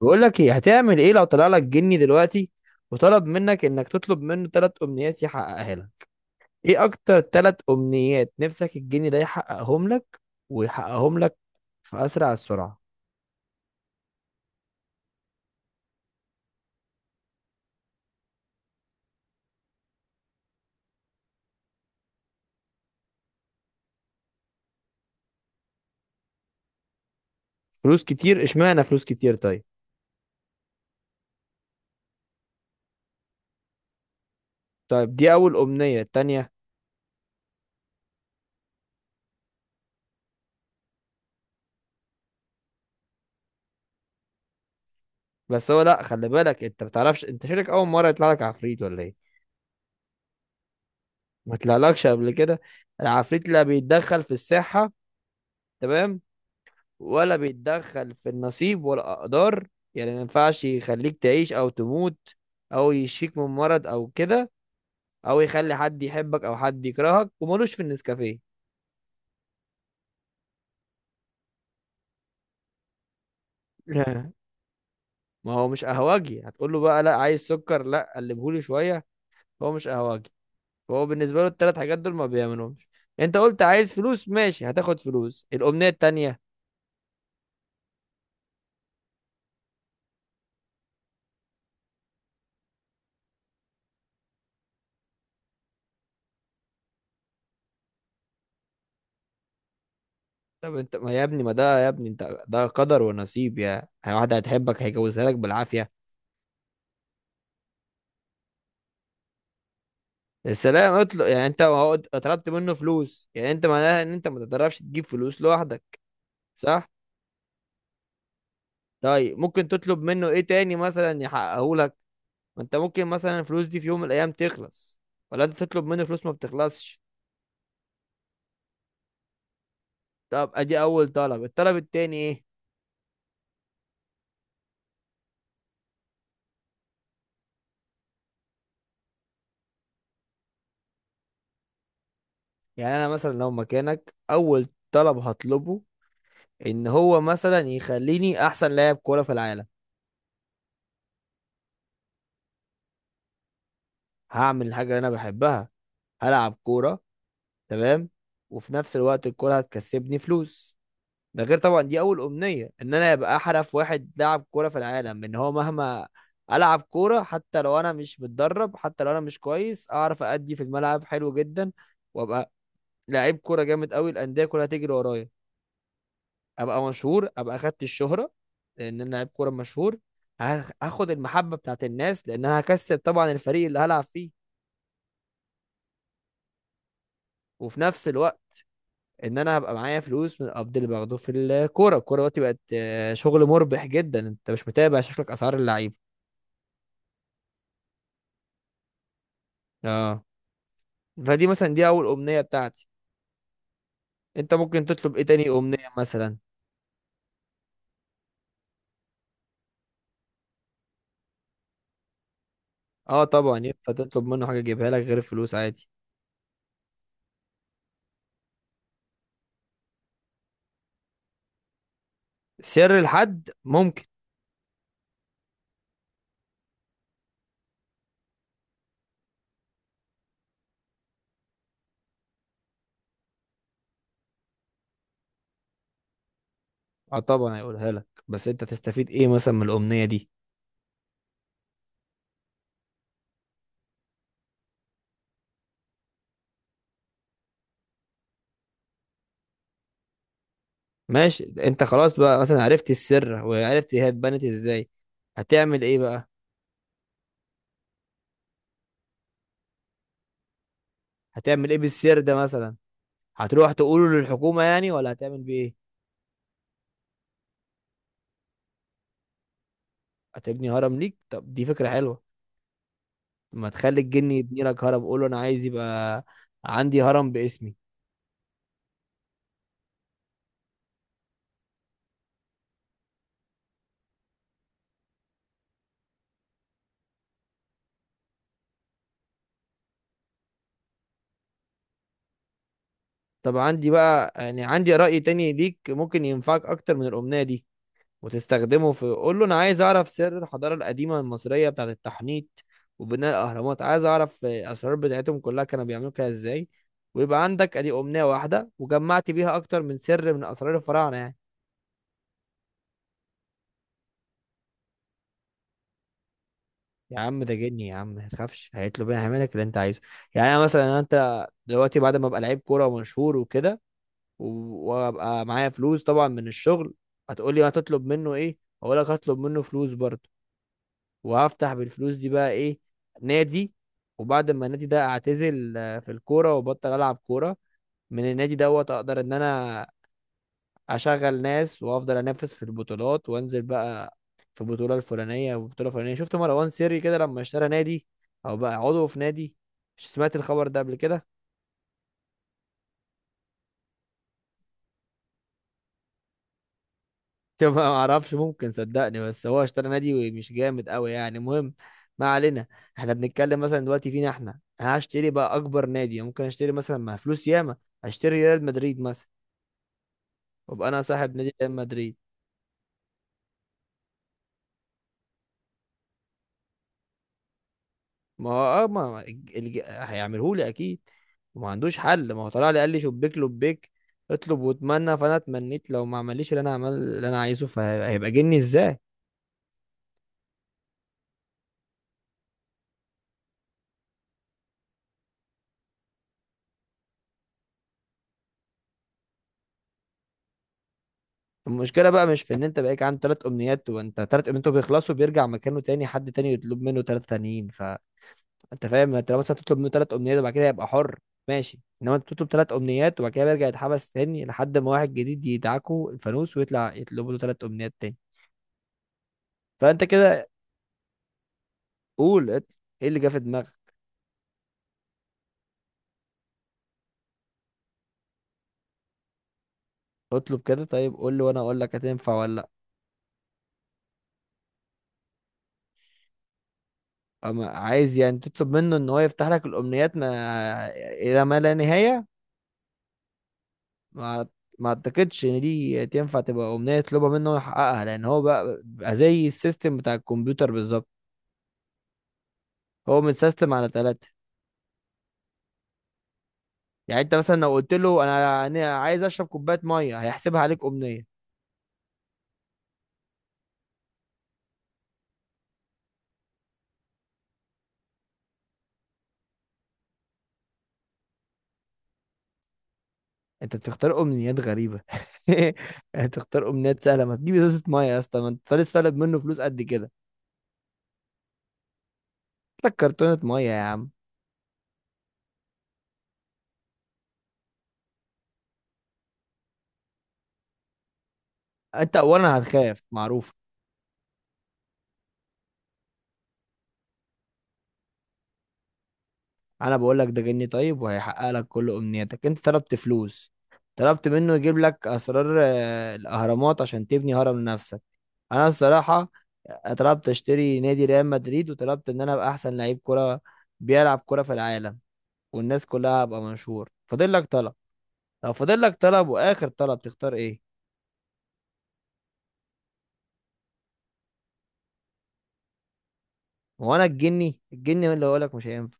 بقول لك ايه هتعمل ايه لو طلع لك جني دلوقتي، وطلب منك انك تطلب منه 3 امنيات يحققها لك. ايه اكتر 3 امنيات نفسك الجني ده يحققهم لك ويحققهم لك في اسرع السرعه؟ فلوس كتير؟ اشمعنى فلوس كتير؟ طيب. طيب دي اول امنيه، التانية؟ بس هو، لا، خلي بالك، انت ما بتعرفش، انت شكلك اول مره يطلع لك عفريت ولا ايه؟ ما طلعلكش قبل كده. العفريت اللي بيتدخل في الساحه، تمام؟ ولا بيتدخل في النصيب والأقدار، يعني ما ينفعش يخليك تعيش أو تموت، أو يشفيك من مرض أو كده، أو يخلي حد يحبك أو حد يكرهك، وملوش في النسكافيه. لا، ما هو مش قهوجي هتقول له بقى لا عايز سكر لا قلبهولي شوية. هو مش قهوجي. هو بالنسبة له ال3 حاجات دول ما بيعملهمش. انت قلت عايز فلوس، ماشي، هتاخد فلوس. الأمنية التانية؟ طب انت ما يا ابني، ما ده يا ابني، انت ده قدر ونصيب، يا واحدة هتحبك هيجوزها لك بالعافية. السلام اطلق، يعني انت، هو طلبت منه فلوس، يعني انت معناها ان انت ما تقدرش تجيب فلوس لوحدك، صح؟ طيب ممكن تطلب منه ايه تاني مثلا يحققه لك؟ ما انت ممكن مثلا الفلوس دي في يوم من الايام تخلص، ولا انت تطلب منه فلوس ما بتخلصش. طب ادي اول طلب، الطلب التاني ايه؟ يعني انا مثلا لو مكانك، اول طلب هطلبه ان هو مثلا يخليني احسن لاعب كوره في العالم. هعمل الحاجه اللي انا بحبها، هلعب كوره، تمام. وفي نفس الوقت الكوره هتكسبني فلوس. ده غير طبعا دي اول امنيه، ان انا ابقى احرف واحد لاعب كوره في العالم، ان هو مهما العب كوره حتى لو انا مش متدرب، حتى لو انا مش كويس، اعرف ادي في الملعب حلو جدا، وابقى لعيب كوره جامد قوي، الانديه كلها تجري ورايا، ابقى مشهور، ابقى اخدت الشهره، لان انا لعيب كوره مشهور. هاخد المحبه بتاعت الناس، لان انا هكسب طبعا الفريق اللي هلعب فيه. وفي نفس الوقت ان انا هبقى معايا فلوس من القبض اللي باخده في الكوره. الكوره دلوقتي بقت شغل مربح جدا. انت مش متابع شكلك اسعار اللعيبه. اه، فدي مثلا دي اول امنيه بتاعتي. انت ممكن تطلب ايه تاني امنيه مثلا؟ اه، طبعا ينفع تطلب منه حاجه يجيبها لك غير الفلوس، عادي. سر لحد؟ ممكن. اه، طبعا هيقولها لك، بس انت تستفيد ايه مثلا من الامنيه دي؟ ماشي، انت خلاص بقى مثلا عرفت السر وعرفت هي اتبنت ازاي. هتعمل ايه بقى؟ هتعمل ايه بالسر ده مثلا؟ هتروح تقوله للحكومه يعني، ولا هتعمل بايه؟ هتبني هرم ليك؟ طب دي فكره حلوه. ما تخلي الجن يبني لك هرم، قول له انا عايز يبقى عندي هرم باسمي. طب عندي بقى، يعني عندي رأي تاني ليك ممكن ينفعك أكتر من الأمنية دي، وتستخدمه في، قول له أنا عايز أعرف سر الحضارة القديمة المصرية بتاعة التحنيط وبناء الأهرامات. عايز أعرف الأسرار بتاعتهم كلها، كانوا بيعملوا كده إزاي. ويبقى عندك أدي أمنية واحدة وجمعت بيها أكتر من سر من أسرار الفراعنة يعني. يا عم ده جني، يا عم ما تخافش، هيطلب. انا هعمل لك اللي انت عايزه. يعني انا مثلا، انت دلوقتي بعد ما ابقى لعيب كوره ومشهور وكده، وابقى معايا فلوس طبعا من الشغل، هتقولي هتطلب منه ايه؟ هقول لك هطلب منه فلوس برضه، وهفتح بالفلوس دي بقى ايه؟ نادي. وبعد ما النادي ده اعتزل في الكوره وبطل العب كوره، من النادي دوت اقدر ان انا اشغل ناس وافضل انافس في البطولات، وانزل بقى في بطوله الفلانيه وبطوله فلانيه. شفت مروان سري كده لما اشترى نادي، او بقى عضو في نادي، سمعت الخبر ده قبل كده؟ طب ما اعرفش، ممكن، صدقني بس هو اشترى نادي مش جامد قوي يعني. المهم ما علينا. احنا بنتكلم مثلا دلوقتي فينا، احنا هشتري بقى اكبر نادي ممكن اشتري، مثلا مع فلوس ياما، اشتري ريال مدريد مثلا، وابقى انا صاحب نادي ريال مدريد. ما هو اه، ما الج- هيعمله لي اكيد، وما عندوش حل. ما هو طلع لي قال لي شبيك لبيك، اطلب واتمنى، فانا اتمنيت، لو ما عمليش اللي انا عمل اللي انا عايزه، فهيبقى جني ازاي؟ المشكلة بقى مش في ان انت بقيك عن 3 امنيات، وانت 3 امنيات بيخلصوا بيرجع مكانه تاني، حد تاني يطلب منه 3 تانيين. فانت فاهم، انت لو مثلا تطلب منه ثلاث امنيات وبعد كده يبقى حر، ماشي، انما انت تطلب 3 امنيات وبعد كده بيرجع يتحبس تاني لحد ما واحد جديد يدعكه الفانوس، ويطلع يطلب له 3 امنيات تاني. فانت كده، قول، ايه اللي جه في دماغك؟ اطلب كده، طيب، قول لي وانا اقول لك هتنفع ولا لا. اما عايز يعني تطلب منه ان هو يفتح لك الامنيات ما الى ما لا نهاية؟ ما ما اعتقدش ان دي تنفع تبقى امنيه يطلبها منه يحققها، لان هو بقى زي السيستم بتاع الكمبيوتر بالظبط. هو متسيستم على 3. يعني انت مثلا لو قلت له، أنا عايز اشرب كوبايه ميه، هيحسبها عليك امنيه. انت بتختار امنيات غريبه. يعني تختار امنيات سهله، ما تجيب ازازه ميه يا اسطى، ما انت لسه طالب منه فلوس قد كده. هات لك كرتونه ميه يا عم. انت اولا هتخاف، معروف. انا بقول لك ده جني طيب وهيحقق لك كل امنياتك. انت طلبت فلوس، طلبت منه يجيب لك اسرار الاهرامات عشان تبني هرم لنفسك، انا الصراحه طلبت اشتري نادي ريال مدريد، وطلبت ان انا ابقى احسن لعيب كره بيلعب كره في العالم، والناس كلها ابقى مشهور. فاضل لك طلب. لو فاضل لك طلب واخر طلب، تختار ايه؟ هو انا الجني، الجني هو اللي هقول لك مش هينفع.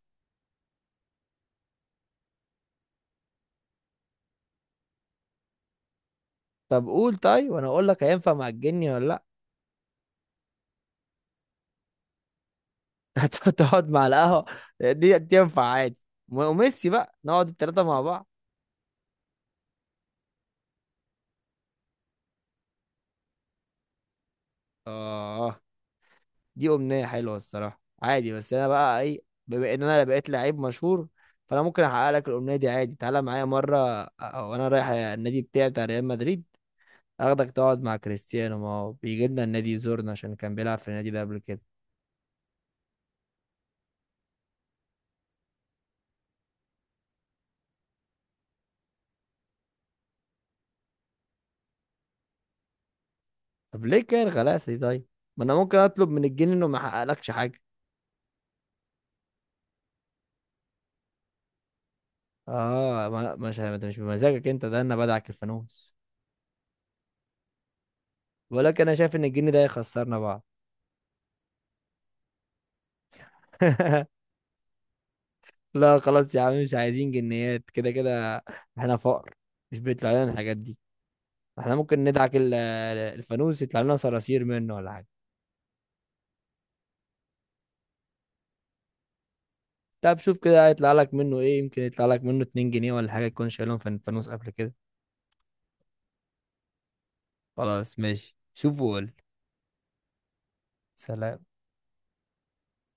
طب قول، طيب، وانا اقول لك هينفع مع الجني ولا لا. هتقعد مع القهوة؟ دي ينفع عادي. وميسي بقى، نقعد ال3 مع بعض. اه، دي أمنية حلوة الصراحة، عادي. بس أنا بقى إيه، بما إن أنا بقيت لعيب مشهور، فأنا ممكن أحقق لك الأمنية دي عادي. تعالى معايا مرة، وأنا رايح النادي بتاعي بتاع ريال مدريد، أخدك تقعد مع كريستيانو، ما هو بيجي لنا النادي يزورنا عشان كان بيلعب في النادي ده قبل كده. طب ليه كده الغلاسة دي طيب؟ ما أنا ممكن أطلب من الجن إنه ما يحققلكش حاجة. اه، مش ده مش بمزاجك أنت، ده أنا بدعك الفانوس. ولكن انا شايف ان الجن ده يخسرنا بعض. لا خلاص يا عم، مش عايزين جنيات كده كده. احنا فقر، مش بيطلع لنا الحاجات دي. احنا ممكن ندعك الفانوس يطلع لنا صراصير منه ولا حاجه. طب شوف كده هيطلع لك منه ايه، يمكن يطلع لك منه 2 جنيه ولا حاجه تكون شايلهم في الفانوس قبل كده. خلاص ماشي، شوف وقول. سلام.